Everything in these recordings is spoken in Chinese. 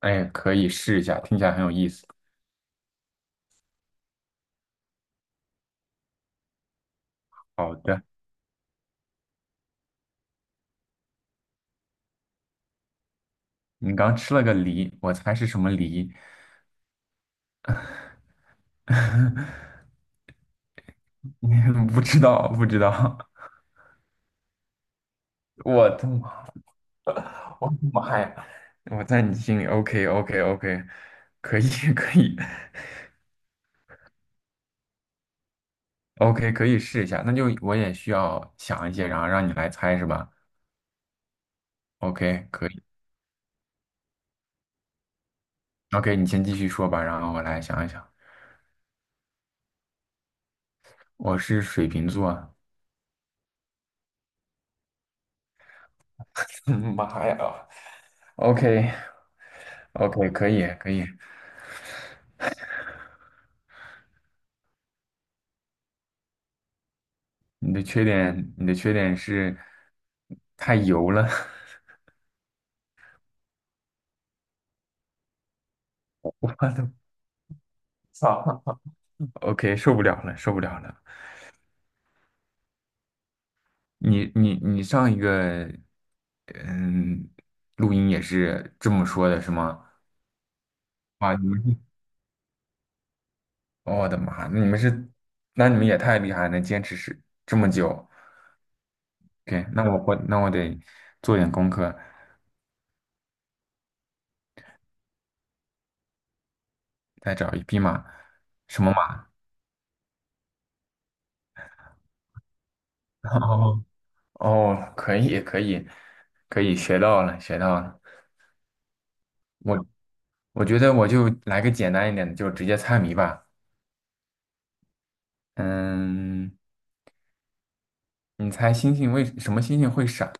哎，可以试一下，听起来很有意思。好的，你刚吃了个梨，我猜是什么梨？不知道，不知道。我的妈，我的妈呀！我在你心里，OK OK OK，可以可以，OK 可以试一下。那就我也需要想一些，然后让你来猜是吧？OK 可以，OK 你先继续说吧，然后我来想一想。我是水瓶座。妈呀！OK OK 可以可以。你的缺点，你的缺点是太油了。我的操 OK，受不了了，受不了了。你上一个嗯录音也是这么说的，是吗？啊，你们是，我的妈，那你们是，那你们也太厉害了，能坚持是这么久。OK，那那我得做点功课，再找一匹马，什么马？哦哦，可以可以可以，学到了学到了。我。我觉得我就来个简单一点的，就直接猜谜吧。嗯，你猜星星为什么星星会闪？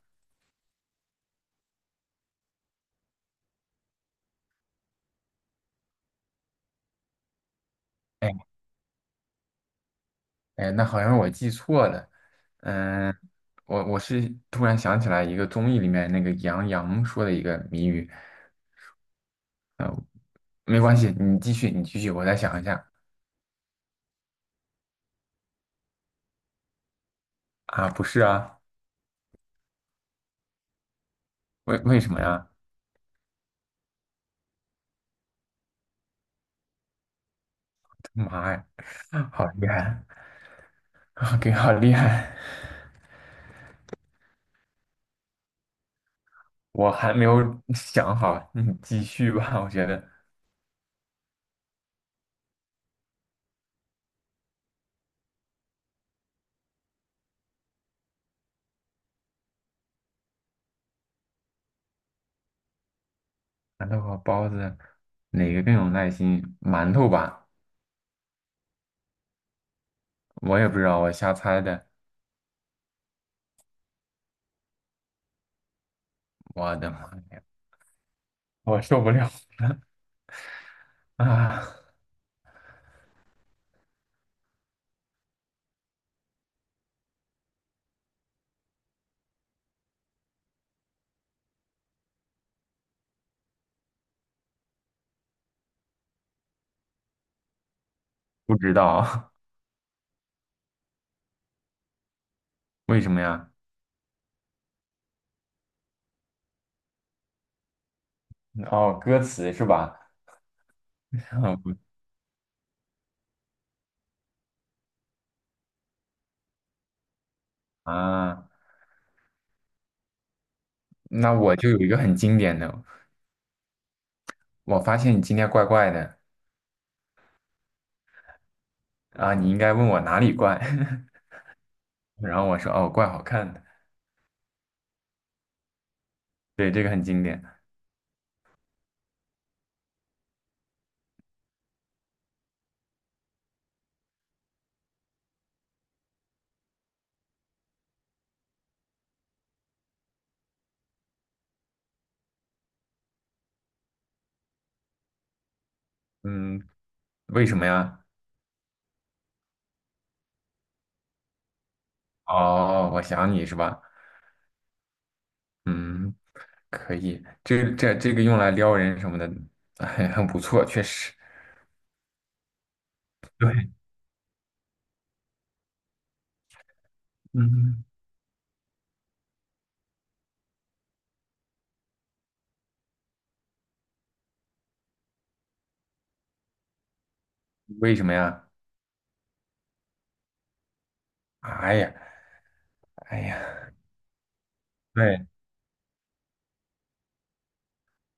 哎哎，那好像是我记错了。嗯，我是突然想起来一个综艺里面那个杨洋说的一个谜语。嗯，没关系，你继续，你继续，我再想一下。啊，不是啊，为什么呀？妈呀，好厉害，给好厉害！我还没有想好，你继续吧，我觉得。馒头和包子哪个更有耐心？馒头吧，我也不知道，我瞎猜的。我的妈呀，我受不了啊！不知道 为什么呀？哦，歌词是吧？哦不啊，那我就有一个很经典的，我发现你今天怪怪的啊，你应该问我哪里怪，然后我说哦，怪好看的，对，这个很经典。嗯，为什么呀？哦，我想你是吧？嗯，可以，这个用来撩人什么的，很不错，确实。对，嗯，为什么呀？哎呀，哎呀，对，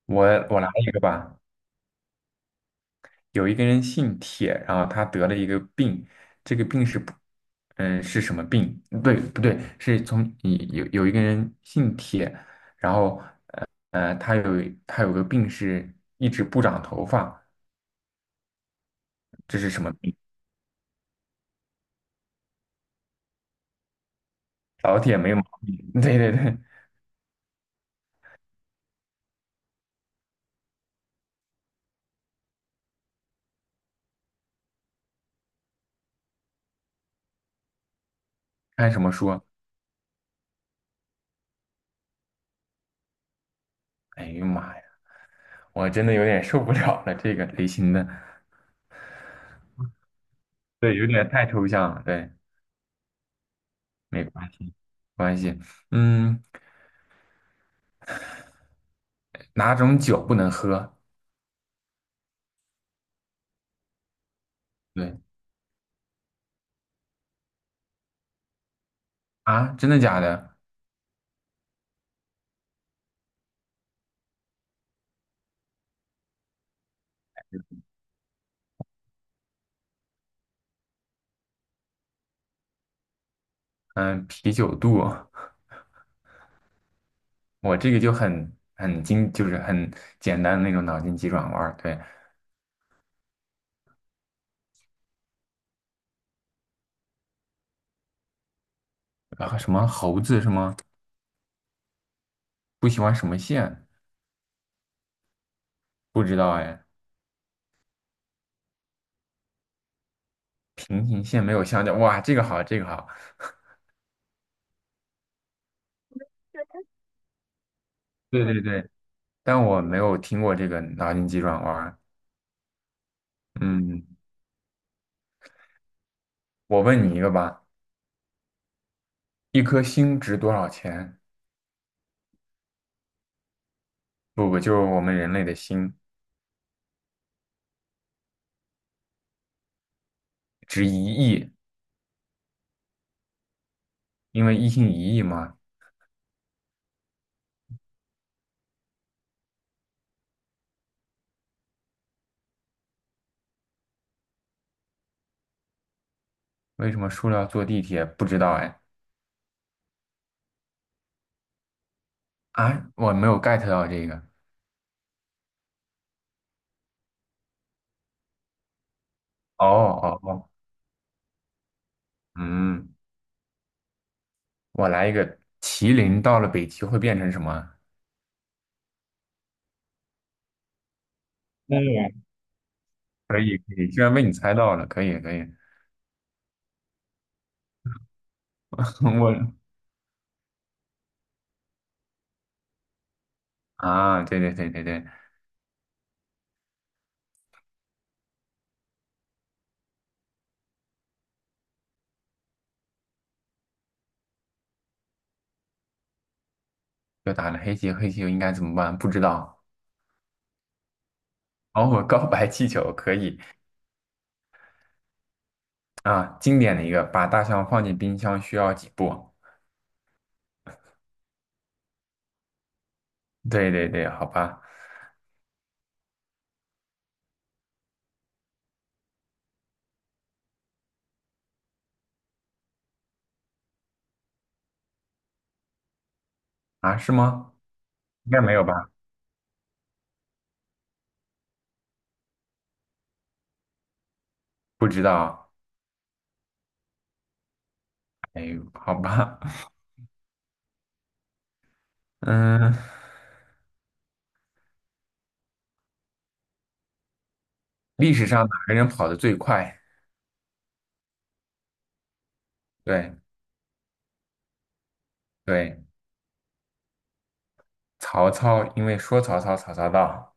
我我来一个吧。有一个人姓铁，然后他得了一个病，这个病是不，嗯，是什么病？对，不对，是从有一个人姓铁，然后他有个病是一直不长头发，这是什么病？老铁没毛病。对对对，看什么书啊？哎呀妈！呀！我真的有点受不了了，这个类型的，对，有点太抽象了，对，没关系，没关系，嗯，哪种酒不能喝？对啊，真的假的？嗯，啤酒肚，我这个就很很精，就是很简单的那种脑筋急转弯儿，对，然后什么猴子什么不喜欢什么线？不知道哎，平行线没有相交，哇，这个好，这个好，对对对，但我没有听过这个脑筋急转弯儿嗯，我问你一个吧。一颗星值多少钱？不不，就是我们人类的心值一亿，因为一星一亿嘛。为什么塑料坐地铁？不知道哎。啊，我没有 get 到这个。哦哦哦，嗯，我来一个，麒麟到了北极会变成什么？嗯可以可以，居然被你猜到了，可以可以。我啊，对对对对对，又打了黑棋，黑棋又应该怎么办？不知道。哦，我告白气球可以啊，经典的一个，把大象放进冰箱需要几步？对对对，好吧，啊，是吗？应该没有吧？不知道，哎呦，好吧，嗯，历史上哪个人跑得最快？对对，曹操，因为说曹操，曹操到，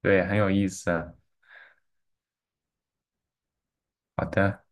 对，很有意思。好的。